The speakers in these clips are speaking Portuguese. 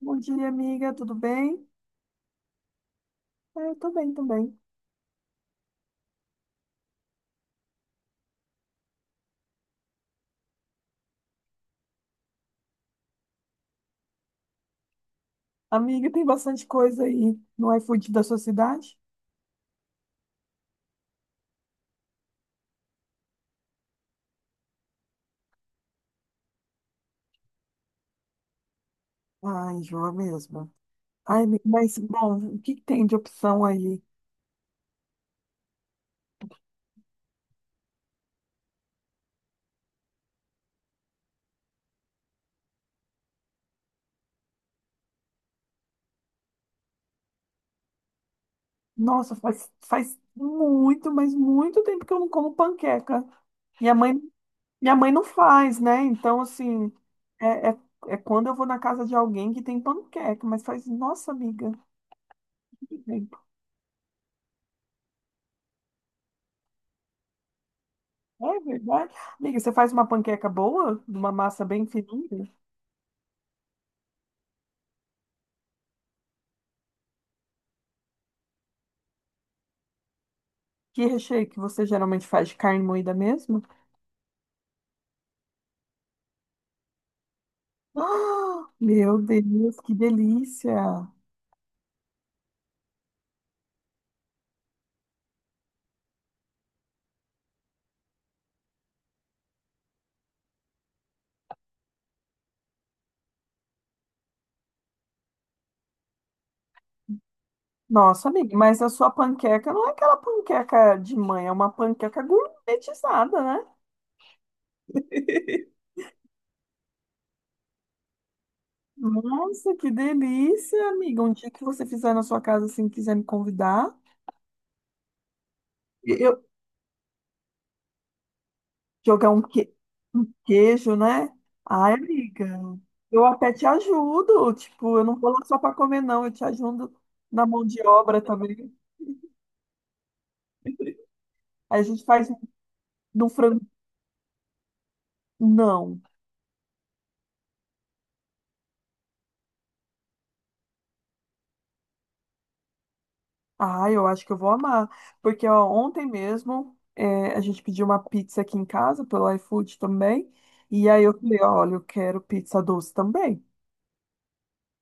Bom dia, amiga, tudo bem? É, eu tô bem também. Amiga, tem bastante coisa aí no iFood da sua cidade? Ai, enjoa mesmo. Ai, amiga, mas, bom, o que que tem de opção aí? Nossa, faz muito, mas muito tempo que eu não como panqueca. Minha mãe, minha mãe não faz, né? Então, assim, é, é, é quando eu vou na casa de alguém que tem panqueca, mas faz, nossa, amiga, muito tempo. É verdade? Amiga, você faz uma panqueca boa? Uma massa bem fininha? Que recheio que você geralmente faz de carne moída mesmo? Ah, meu Deus, que delícia! Nossa, amiga, mas a sua panqueca não é aquela panqueca de mãe, é uma panqueca gourmetizada, né? Nossa, que delícia, amiga. Um dia que você fizer na sua casa, assim, quiser me convidar, eu jogar um queijo, né? Ai, amiga, eu até te ajudo. Tipo, eu não vou lá só para comer, não. Eu te ajudo na mão de obra também. Aí a gente faz frango. Não. Ah, eu acho que eu vou amar. Porque ó, ontem mesmo a gente pediu uma pizza aqui em casa pelo iFood também. E aí eu falei, olha, eu quero pizza doce também.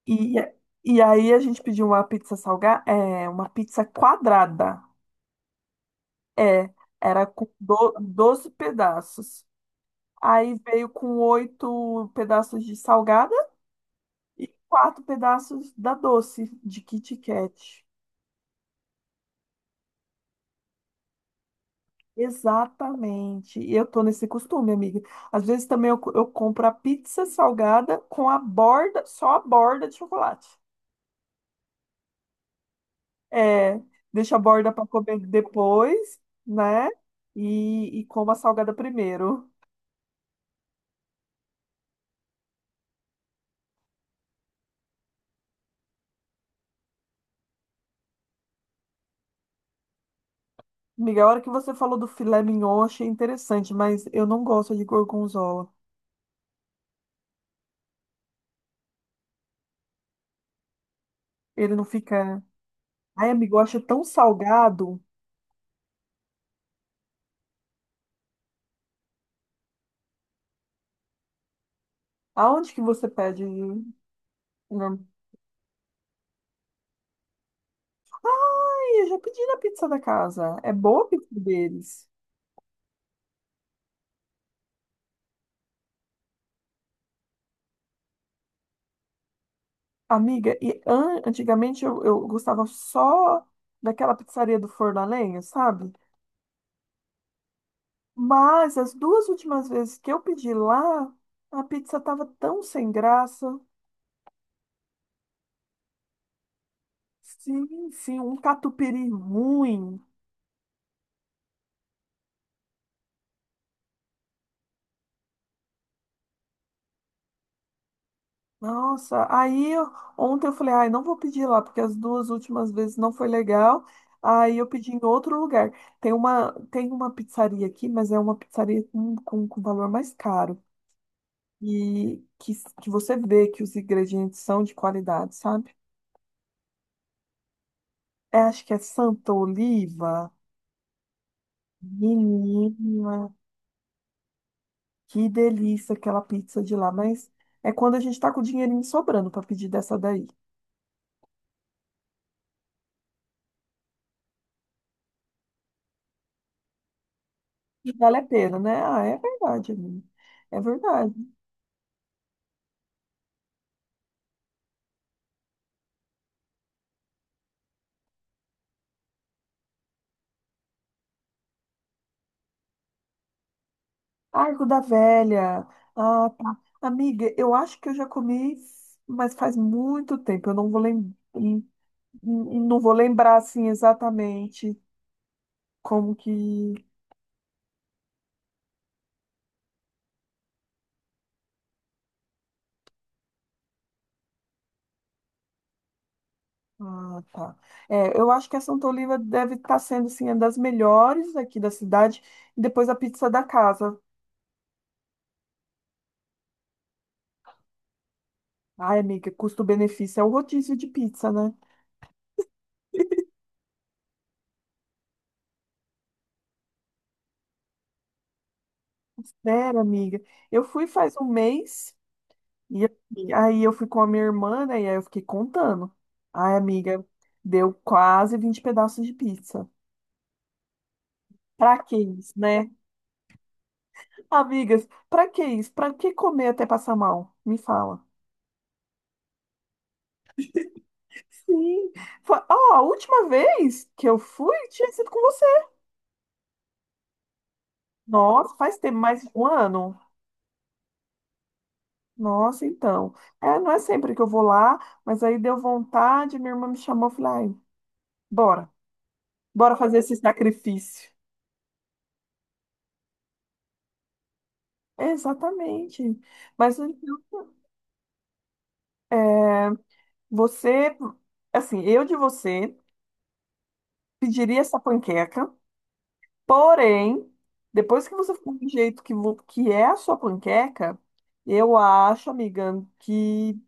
E, eh, e aí a gente pediu uma pizza salgada, é, uma pizza quadrada. É, era com 12 pedaços. Aí veio com oito pedaços de salgada e quatro pedaços da doce, de Kit Kat. Exatamente. E eu tô nesse costume, amiga. Às vezes também eu compro a pizza salgada com a borda, só a borda de chocolate. É, deixa a borda para comer depois, né? E como a salgada primeiro. Amiga, a hora que você falou do filé mignon, eu achei interessante, mas eu não gosto de gorgonzola. Ele não fica, né? Ai, amigo, eu acho tão salgado. Aonde que você pede? Ai, eu já pedi na pizza da casa. É boa a pizza deles. Amiga, e antigamente eu gostava só daquela pizzaria do Forno a Lenha, sabe? Mas as duas últimas vezes que eu pedi lá, a pizza tava tão sem graça. Sim, sim, um catupiry ruim. Nossa, ontem eu falei, ai, não vou pedir lá, porque as duas últimas vezes não foi legal. Aí eu pedi em outro lugar. Tem uma pizzaria aqui, mas é uma pizzaria com valor mais caro. E que você vê que os ingredientes são de qualidade, sabe? É, acho que é Santa Oliva. Menina, que delícia aquela pizza de lá, mas é quando a gente tá com o dinheirinho sobrando para pedir dessa daí. E vale a pena, né? Ah, é verdade, amiga. É verdade. Arco da Velha. Ah, tá. Amiga, eu acho que eu já comi, mas faz muito tempo. Eu não vou lembrar, assim exatamente como que. Ah, tá. É, eu acho que essa Antoliva deve estar sendo, assim, uma das melhores aqui da cidade. E depois a pizza da casa. Ai, amiga, custo-benefício é o rodízio de pizza, né? Sério, amiga. Eu fui faz um mês e assim, aí eu fui com a minha irmã, né? E aí eu fiquei contando. Ai, amiga, deu quase 20 pedaços de pizza. Pra que isso, né? Amigas, pra que isso? Pra que comer até passar mal? Me fala. Sim. Ó, a última vez que eu fui tinha sido com. Nossa, faz tempo, mais um ano. Nossa, então. É, não é sempre que eu vou lá, mas aí deu vontade, minha irmã me chamou, eu falei, ai, bora, bora fazer esse sacrifício. Exatamente. Mas então, é, você, assim, eu de você pediria essa panqueca, porém, depois que você ficou do jeito que é a sua panqueca, eu acho, amiga, que,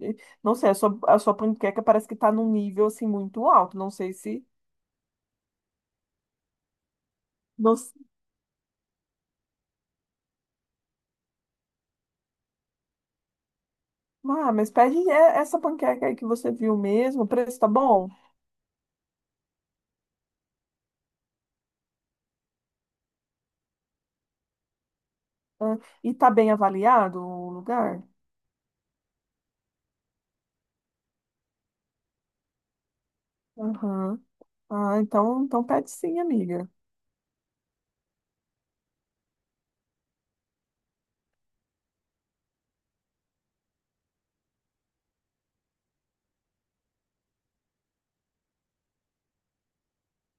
eh, não sei, a sua panqueca parece que tá num nível, assim, muito alto. Não sei se. Ah, mas pede essa panqueca aí que você viu mesmo. O preço tá bom? Ah. E tá bem avaliado o lugar? Aham. Ah, então pede sim, amiga.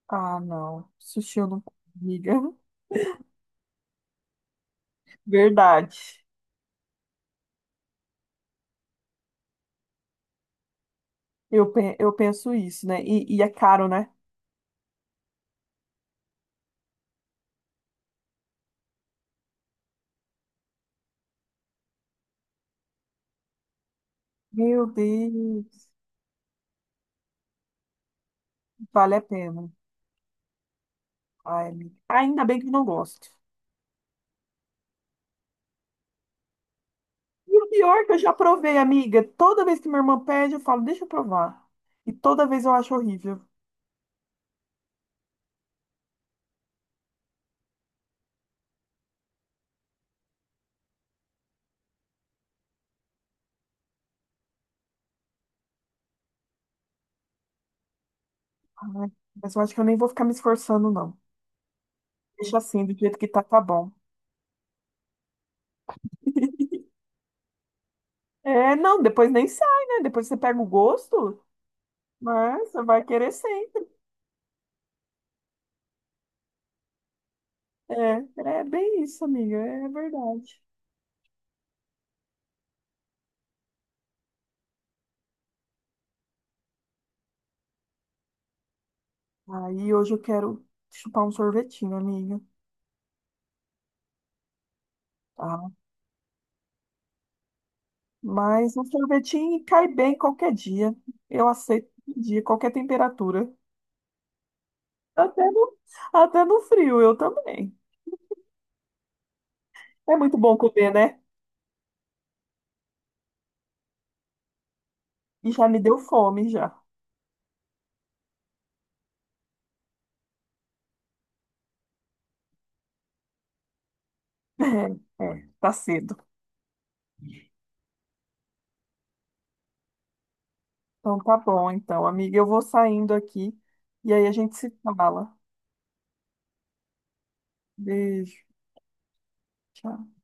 Ah, não. Sushi eu não como, amiga. Verdade. Eu penso isso, né? E é caro, né? Meu Deus, vale a pena. Ai, amiga. Ainda bem que eu não gosto. E o pior é que eu já provei, amiga. Toda vez que minha irmã pede, eu falo, deixa eu provar. E toda vez eu acho horrível. Ai, mas eu acho que eu nem vou ficar me esforçando, não. Deixa assim, do jeito que tá, tá bom. É, não, depois nem sai, né? Depois você pega o gosto, mas você vai querer sempre. É, é bem isso, amiga, é verdade. Aí hoje eu quero chupar um sorvetinho, amiga, tá? Mas um sorvetinho cai bem qualquer dia. Eu aceito qualquer dia, qualquer temperatura. Até no, até no frio, eu também. É muito bom comer, né? E já me deu fome, já. É, tá cedo. Então tá bom, então, amiga, eu vou saindo aqui e aí a gente se fala. Beijo. Tchau.